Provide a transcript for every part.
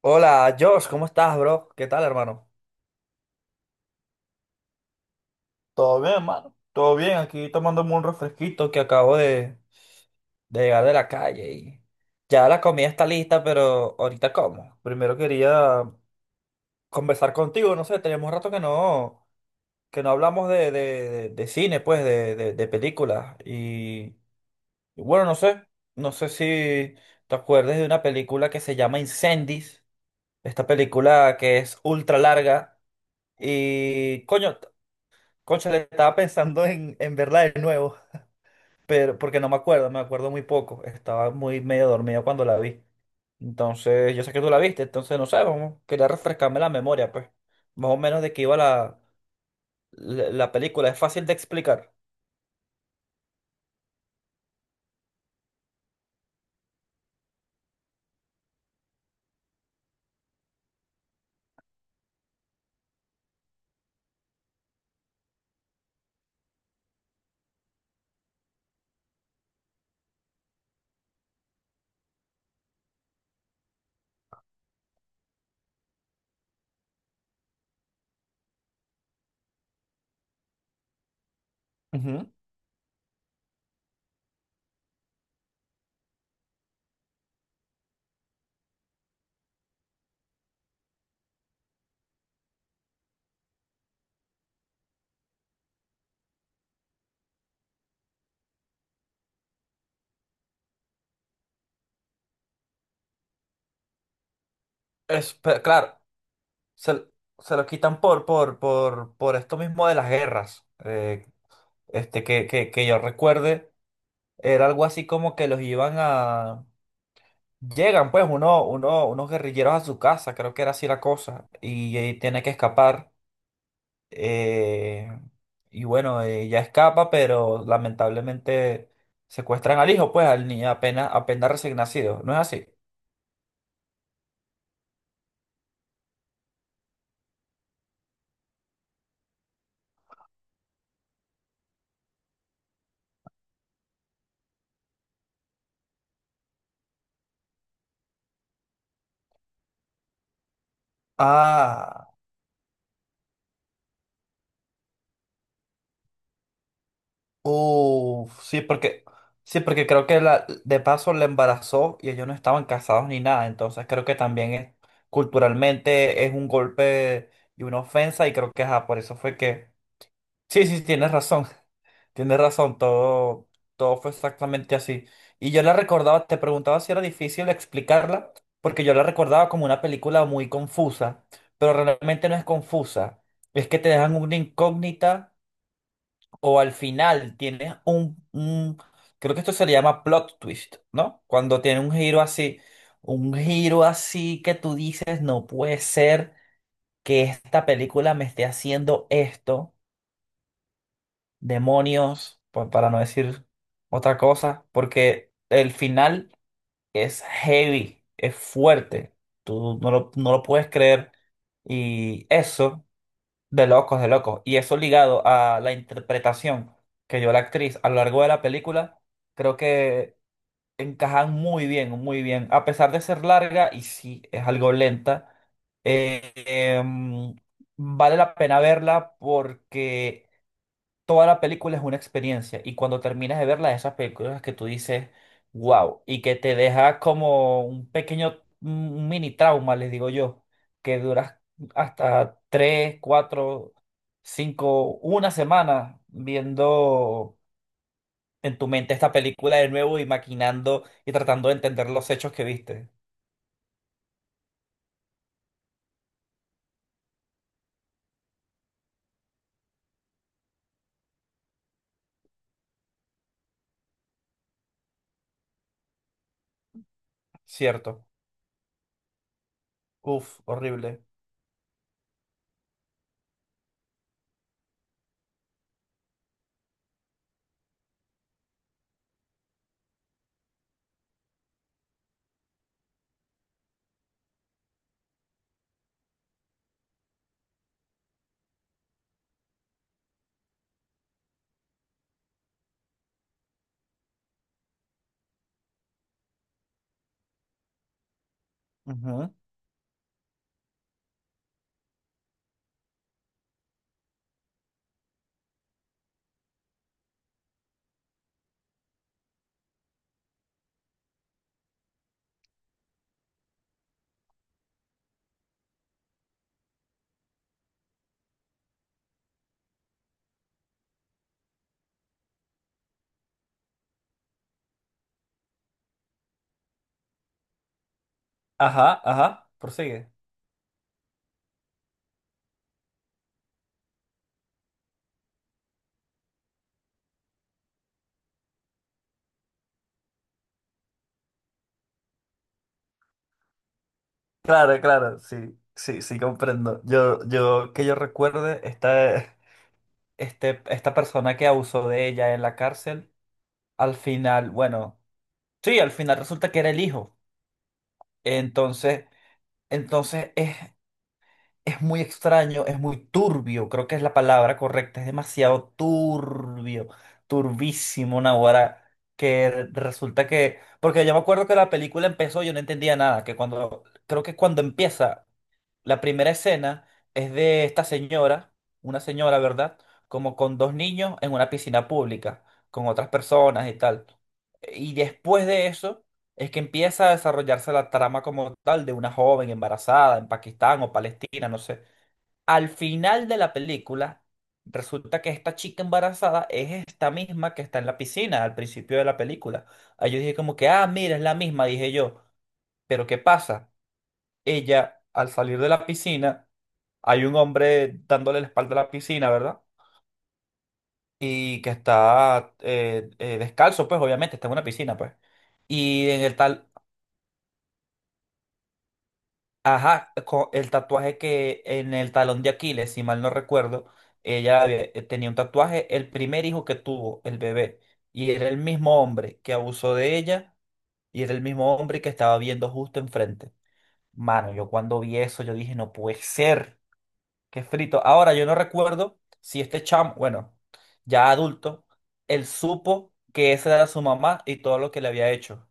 Hola, Josh, ¿cómo estás, bro? ¿Qué tal, hermano? Todo bien, hermano. Todo bien, aquí tomándome un refresquito que acabo de llegar de la calle y ya la comida está lista, pero ahorita como. Primero quería conversar contigo, no sé, tenemos rato que no hablamos de cine, pues, de películas. Y bueno, no sé si te acuerdas de una película que se llama Incendies, esta película que es ultra larga. Y coño, Concha, le estaba pensando en verla de nuevo, pero porque no me acuerdo, me acuerdo muy poco. Estaba muy medio dormido cuando la vi. Entonces, yo sé que tú la viste, entonces no sé, vamos, quería refrescarme la memoria, pues. Más o menos de qué iba la película. Es fácil de explicar. Ujú. Es, claro, se, se lo quitan por esto mismo de las guerras. Que yo recuerde, era algo así como que los iban a. Llegan pues unos guerrilleros a su casa, creo que era así la cosa, y, tiene que escapar. eh, y bueno, ella escapa, pero lamentablemente secuestran al hijo, pues al niño apenas recién nacido, ¿no es así? Ah, uff, sí, porque creo que la, de paso la embarazó y ellos no estaban casados ni nada, entonces creo que también es, culturalmente es un golpe y una ofensa y creo que ajá, por eso fue que... Sí, sí, sí, tienes razón. Tienes razón, todo, todo fue exactamente así. Y yo la recordaba, te preguntaba si era difícil explicarla, porque yo la recordaba como una película muy confusa, pero realmente no es confusa. Es que te dejan una incógnita o al final tienes creo que esto se le llama plot twist, ¿no? Cuando tiene un giro así que tú dices, no puede ser que esta película me esté haciendo esto demonios, para no decir otra cosa, porque el final es heavy, es fuerte, tú no lo puedes creer y eso de locos, y eso ligado a la interpretación que dio la actriz a lo largo de la película, creo que encajan muy bien, a pesar de ser larga y sí, es algo lenta, eh, em, vale la pena verla porque toda la película es una experiencia y cuando terminas de verla, esas películas que tú dices, wow, y que te deja como un pequeño, un mini trauma, les digo yo, que duras hasta tres, cuatro, cinco, una semana viendo en tu mente esta película de nuevo y maquinando y tratando de entender los hechos que viste, ¿cierto? Uf, horrible. Ujú. Ajá, ajá, prosigue. Claro, claro, sí, sí, sí, comprendo. Que yo recuerde, esta persona que abusó de ella en la cárcel, al final, bueno, sí, al final resulta que era el hijo. Entonces, entonces es muy extraño, es muy turbio, creo que es la palabra correcta, es demasiado turbio, turbísimo, Naguará, que resulta que, porque yo me acuerdo que la película empezó, yo no entendía nada, que cuando, creo que cuando empieza la primera escena es de esta señora, una señora, ¿verdad? Como con dos niños en una piscina pública, con otras personas y tal. Y después de eso es que empieza a desarrollarse la trama como tal de una joven embarazada en Pakistán o Palestina, no sé. Al final de la película, resulta que esta chica embarazada es esta misma que está en la piscina al principio de la película. Ahí yo dije como que, ah, mira, es la misma, dije yo. Pero ¿qué pasa? Ella, al salir de la piscina, hay un hombre dándole la espalda a la piscina, ¿verdad? Y que está descalzo, pues obviamente, está en una piscina, pues. Y en el tal, ajá, el tatuaje que en el talón de Aquiles, si mal no recuerdo, tenía un tatuaje, el primer hijo que tuvo, el bebé. Y era el mismo hombre que abusó de ella y era el mismo hombre que estaba viendo justo enfrente. Mano, yo cuando vi eso, yo dije, no puede ser. Que es frito. Ahora, yo no recuerdo si este chamo, bueno, ya adulto, él supo que esa era su mamá y todo lo que le había hecho.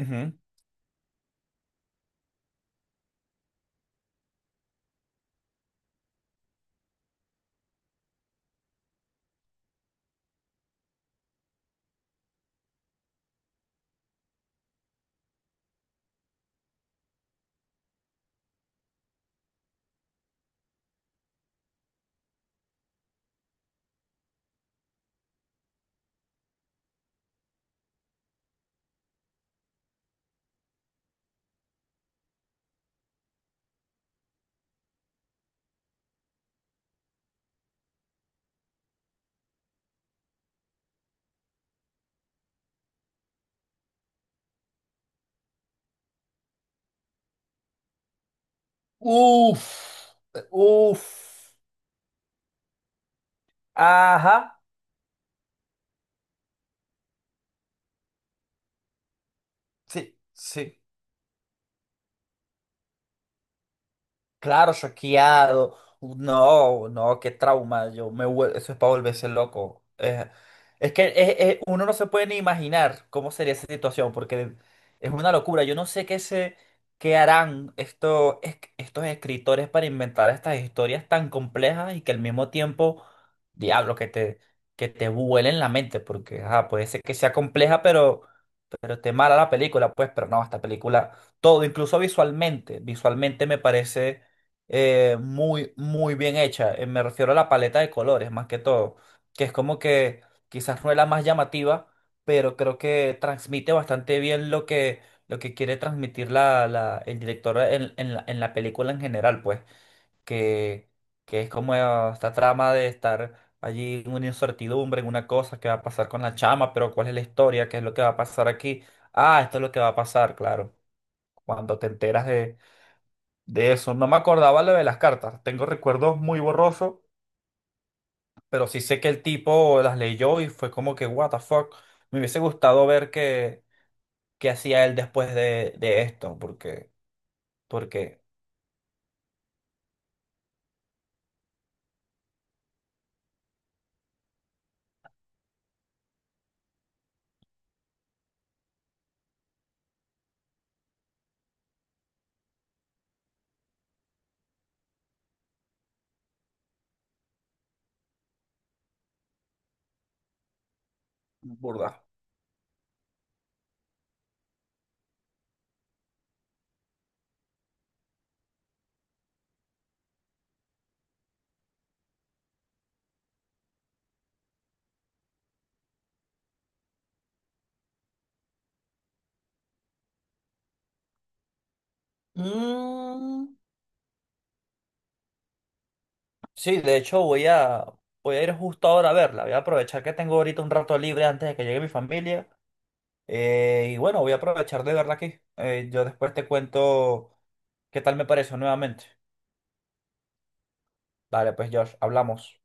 Ujú. Uf, uf. Ajá, sí, sí. Claro, choqueado. No, no, qué trauma. Yo me, eso es para volverse loco. Es que uno no se puede ni imaginar cómo sería esa situación, porque es una locura. Yo no sé qué se, qué harán estos, estos escritores para inventar estas historias tan complejas y que al mismo tiempo, diablo, que te vuelen la mente, porque ajá, puede ser que sea compleja, pero. Pero esté mala la película, pues, pero no, esta película, todo, incluso visualmente, visualmente me parece muy, muy bien hecha. Me refiero a la paleta de colores, más que todo, que es como que quizás no es la más llamativa, pero creo que transmite bastante bien lo que quiere transmitir el director en en la película en general, pues que, que es como esta trama de estar allí en una incertidumbre, en una cosa, qué va a pasar con la chama, pero cuál es la historia, qué es lo que va a pasar aquí. Ah, esto es lo que va a pasar, claro. Cuando te enteras de eso, no me acordaba lo de las cartas, tengo recuerdos muy borrosos, pero sí sé que el tipo las leyó y fue como que, what the fuck, me hubiese gustado ver qué, qué hacía él después de esto, porque, porque, burda. Mm. Sí, de hecho voy a ir justo ahora a verla. Voy a aprovechar que tengo ahorita un rato libre antes de que llegue mi familia. Y bueno, voy a aprovechar de verla aquí. Yo después te cuento qué tal me pareció nuevamente. Vale, pues Josh, hablamos.